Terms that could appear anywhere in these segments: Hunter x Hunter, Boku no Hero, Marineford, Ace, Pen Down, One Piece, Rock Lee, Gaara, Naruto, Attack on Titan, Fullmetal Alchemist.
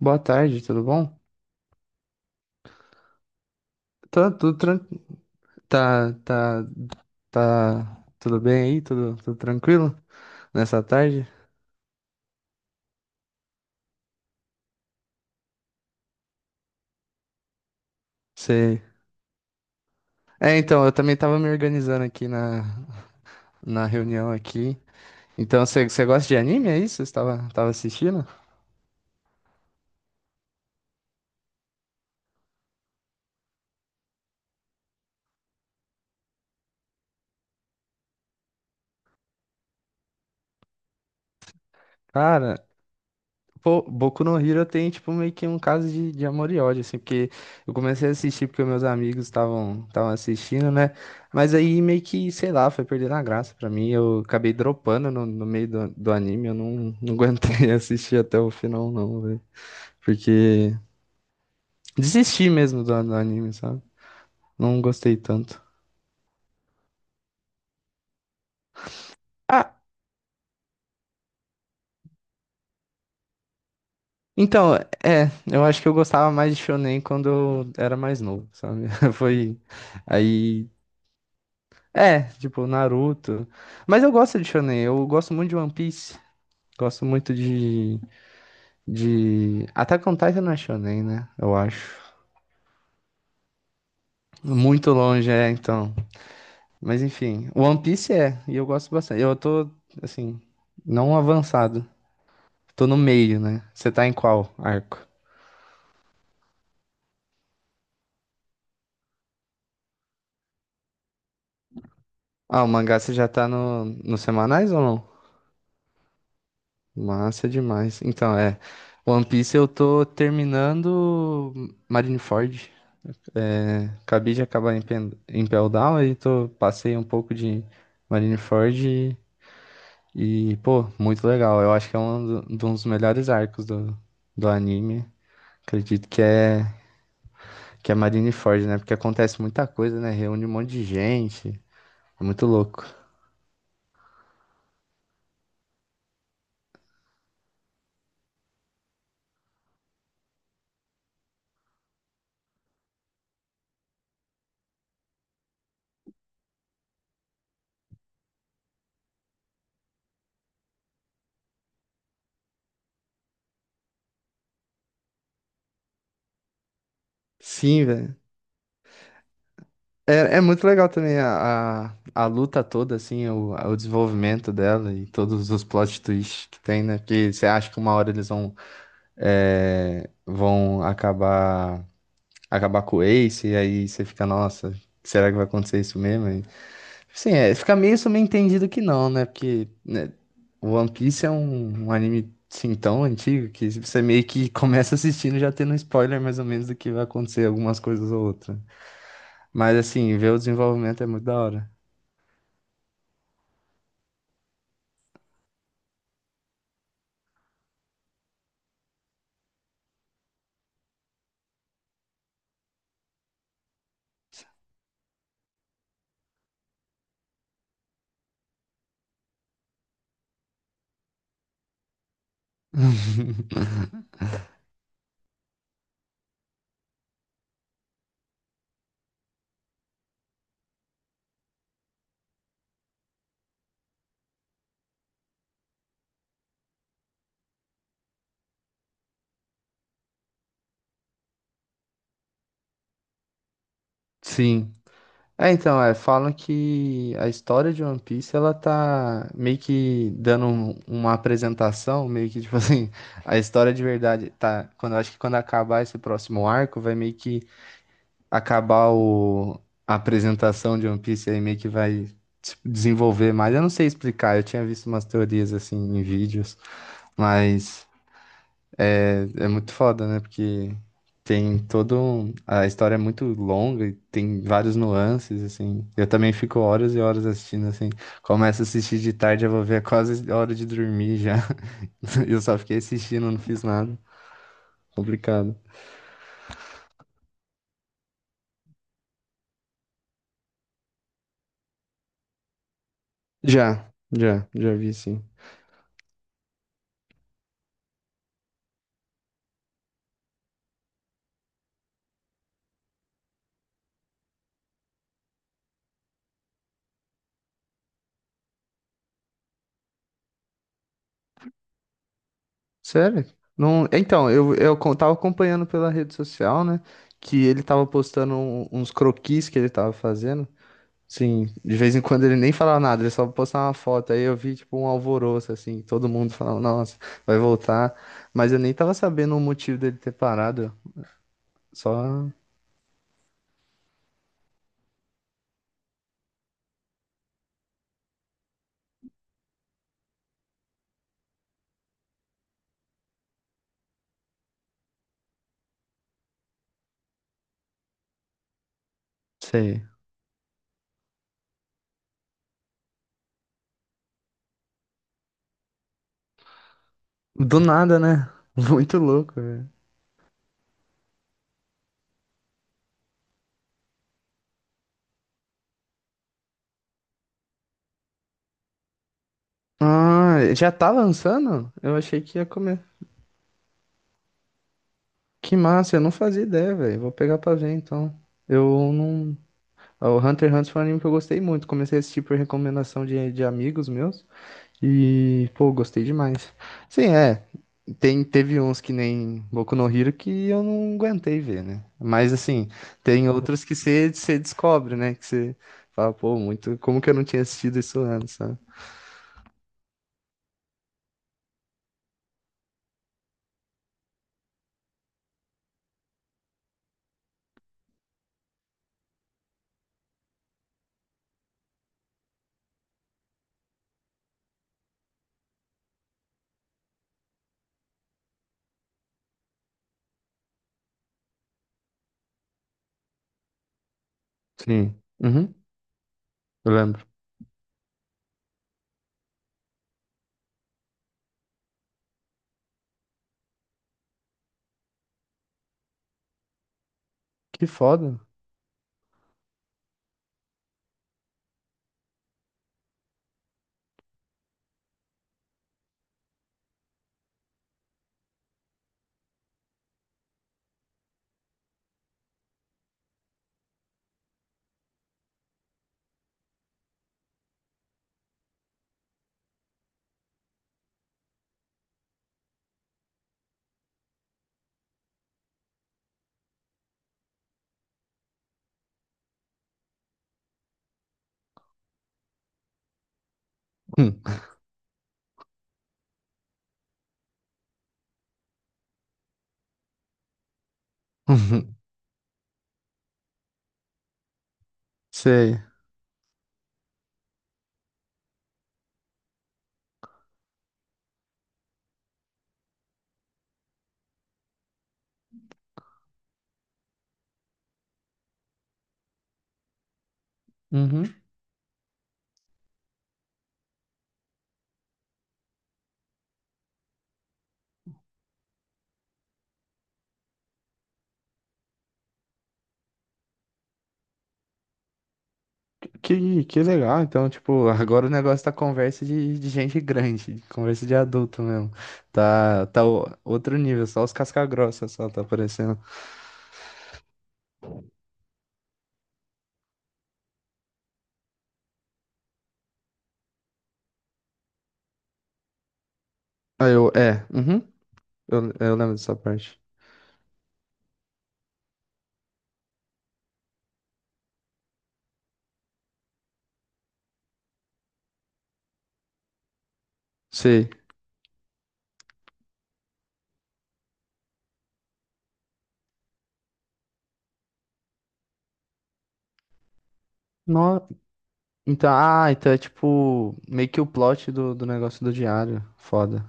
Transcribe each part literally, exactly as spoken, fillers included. Boa tarde, tudo bom? Tá tudo tranquilo. Tá, tá, tá tudo bem aí? Tudo, tudo tranquilo nessa tarde? Sei. É, então, eu também tava me organizando aqui na, na reunião aqui. Então, você gosta de anime, é isso? Você tava, tava assistindo? Cara, pô, Boku no Hero tem, tipo, meio que um caso de, de amor e ódio, assim, porque eu comecei a assistir porque meus amigos estavam estavam assistindo, né? Mas aí meio que, sei lá, foi perdendo a graça pra mim. Eu acabei dropando no, no meio do, do anime, eu não, não aguentei assistir até o final, não, velho. Porque desisti mesmo do, do anime, sabe? Não gostei tanto. Ah, então, é, eu acho que eu gostava mais de Shonen quando eu era mais novo, sabe? Foi. Aí é, tipo, Naruto. Mas eu gosto de shonen, eu gosto muito de One Piece. Gosto muito de, de... Attack on Titan não é shonen, né? Eu acho. Muito longe, é, então. Mas enfim, One Piece é, e eu gosto bastante. Eu tô, assim, não avançado. Tô no meio, né? Você tá em qual arco? Ah, o mangá você já tá no, nos semanais ou não? Massa demais. Então, é. One Piece eu tô terminando Marineford. É, acabei de acabar em, Pen em Pell Down, aí tô, passei um pouco de Marineford e, e, pô, muito legal. Eu acho que é um, do- de um dos melhores arcos do, do anime. Acredito que é, que é Marineford, né? Porque acontece muita coisa, né? Reúne um monte de gente. É muito louco. Sim, velho. É, é muito legal também a, a, a luta toda, assim, o, o desenvolvimento dela e todos os plot twists que tem, né? Porque você acha que uma hora eles vão é, vão acabar acabar com o Ace, e aí você fica, nossa, será que vai acontecer isso mesmo? E, assim, é, fica meio subentendido que não, né? Porque né, o One Piece é um, um anime assim, tão antigo que você meio que começa assistindo já tendo um spoiler mais ou menos do que vai acontecer algumas coisas ou outras. Mas assim, ver o desenvolvimento é muito da hora. Sim. É, então, é, falam que a história de One Piece, ela tá meio que dando um- uma apresentação, meio que, tipo assim, a história de verdade tá, quando, acho que quando acabar esse próximo arco, vai meio que acabar o, a apresentação de One Piece, aí meio que vai se desenvolver mais, eu não sei explicar, eu tinha visto umas teorias, assim, em vídeos, mas... É, é muito foda, né? Porque tem todo um... A história é muito longa e tem vários nuances, assim. Eu também fico horas e horas assistindo, assim. Começo a assistir de tarde, eu vou ver é quase hora de dormir já. Eu só fiquei assistindo, não fiz nada. Complicado. Já, já, já vi, sim. Sério? Não... Então, eu, eu co- tava acompanhando pela rede social, né? Que ele tava postando um- uns croquis que ele tava fazendo. Sim, de vez em quando ele nem falava nada, ele só postava uma foto. Aí eu vi, tipo, um alvoroço, assim, todo mundo falando, nossa, vai voltar. Mas eu nem tava sabendo o motivo dele ter parado. Só, sei. Do nada, né? Muito louco, velho. Ah, já tá lançando? Eu achei que ia comer. Que massa, eu não fazia ideia, velho. Vou pegar pra ver, então. Eu não. O Hunter x Hunter foi um anime que eu gostei muito. Comecei a assistir por recomendação de, de amigos meus. E, pô, gostei demais. Sim, é. Tem, teve uns que nem Boku no Hero que eu não aguentei ver, né? Mas, assim, tem outros que você você descobre, né? Que você fala, pô, muito. Como que eu não tinha assistido isso antes, sabe? Sim. Uhum. Eu lembro. Que foda. Hum. Sei. Uhum. Que, que legal. Então, tipo, agora o negócio tá conversa de, de gente grande, conversa de adulto mesmo. Tá, tá o- outro nível, só os casca-grossa só tá aparecendo. Ah, eu, é, uhum, eu, eu lembro dessa parte. Sei. No... Então, ah, então é tipo meio que o plot do, do negócio do diário. Foda.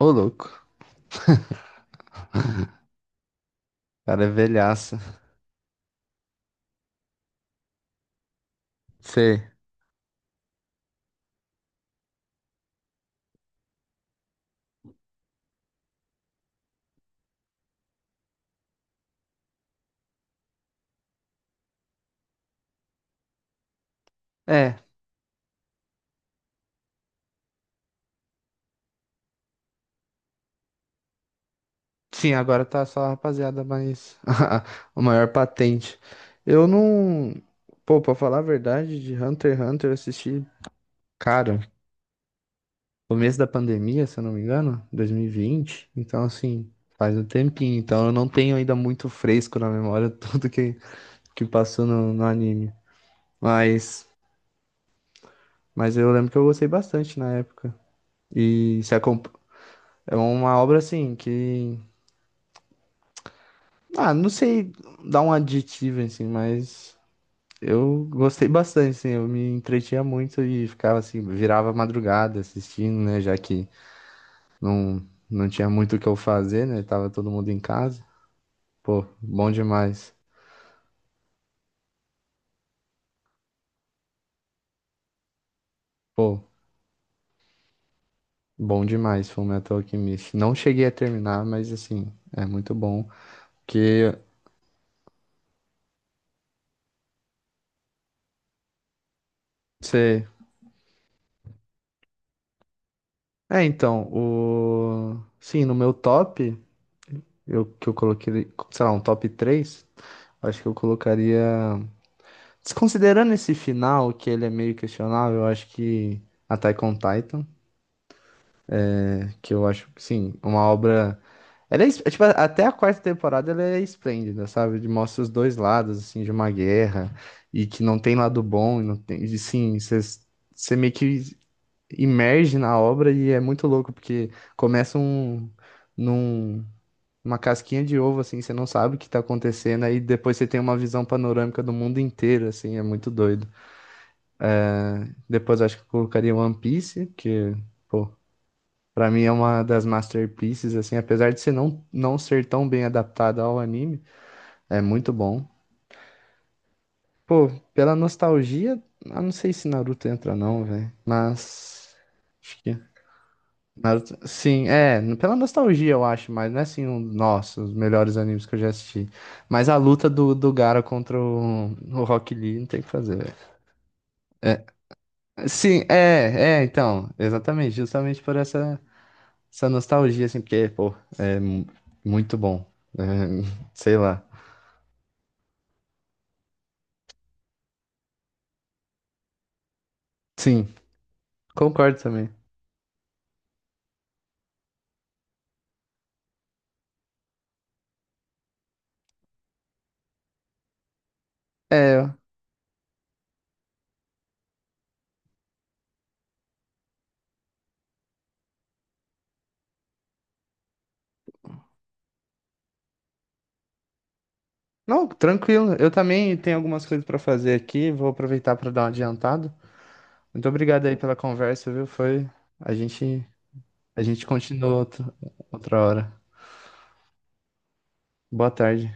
Ô, louco. O cara, é velhaça. Sei. É, sim, agora tá só a rapaziada, mas o maior patente. Eu não. Pô, pra falar a verdade, de Hunter x Hunter eu assisti, cara, começo da pandemia, se eu não me engano, dois mil e vinte. Então, assim, faz um tempinho. Então eu não tenho ainda muito fresco na memória tudo que que passou no, no anime. Mas, mas eu lembro que eu gostei bastante na época. E se acompa- é uma obra assim que. Ah, não sei dar um adjetivo assim, mas eu gostei bastante, assim, eu me entretinha muito e ficava assim, virava madrugada assistindo, né? Já que não, não tinha muito o que eu fazer, né? Tava todo mundo em casa. Pô, bom demais. Pô, bom demais, Fullmetal Alchemist. Não cheguei a terminar, mas assim, é muito bom. Que você é, então, o... Sim, no meu top, eu, que eu coloquei, sei lá, um top três acho que eu colocaria... Desconsiderando esse final, que ele é meio questionável, eu acho que Attack on Titan, né, que eu acho, sim, uma obra... Ela é, es- é, tipo, até a quarta temporada ela é esplêndida, sabe? De mostra os dois lados, assim, de uma guerra, e que não tem lado bom, e não tem... E, sim, você meio que imerge na obra e é muito louco, porque começa um, num, uma casquinha de ovo, assim, você não sabe o que tá acontecendo, aí depois você tem uma visão panorâmica do mundo inteiro, assim, é muito doido. Depois eu acho que eu colocaria One Piece, que, pô, pra mim é uma das masterpieces, assim, apesar de ser não, não ser tão bem adaptada ao anime, é muito bom. Pô, pela nostalgia, eu não sei se Naruto entra não, velho, mas... acho que Naruto- sim, é, pela nostalgia eu acho, mas não é assim um, nossa, os melhores animes que eu já assisti. Mas a luta do, do Gaara contra o, o Rock Lee não tem o que fazer, velho. É, sim, é, é, então, exatamente, justamente por essa, essa nostalgia, assim, porque, pô, é mu- muito bom. É, sei lá. Sim, concordo também. É, não, tranquilo, eu também tenho algumas coisas pra fazer aqui, vou aproveitar pra dar um adiantado. Muito obrigado aí pela conversa, viu? Foi, a gente a gente continua outra outra hora. Boa tarde.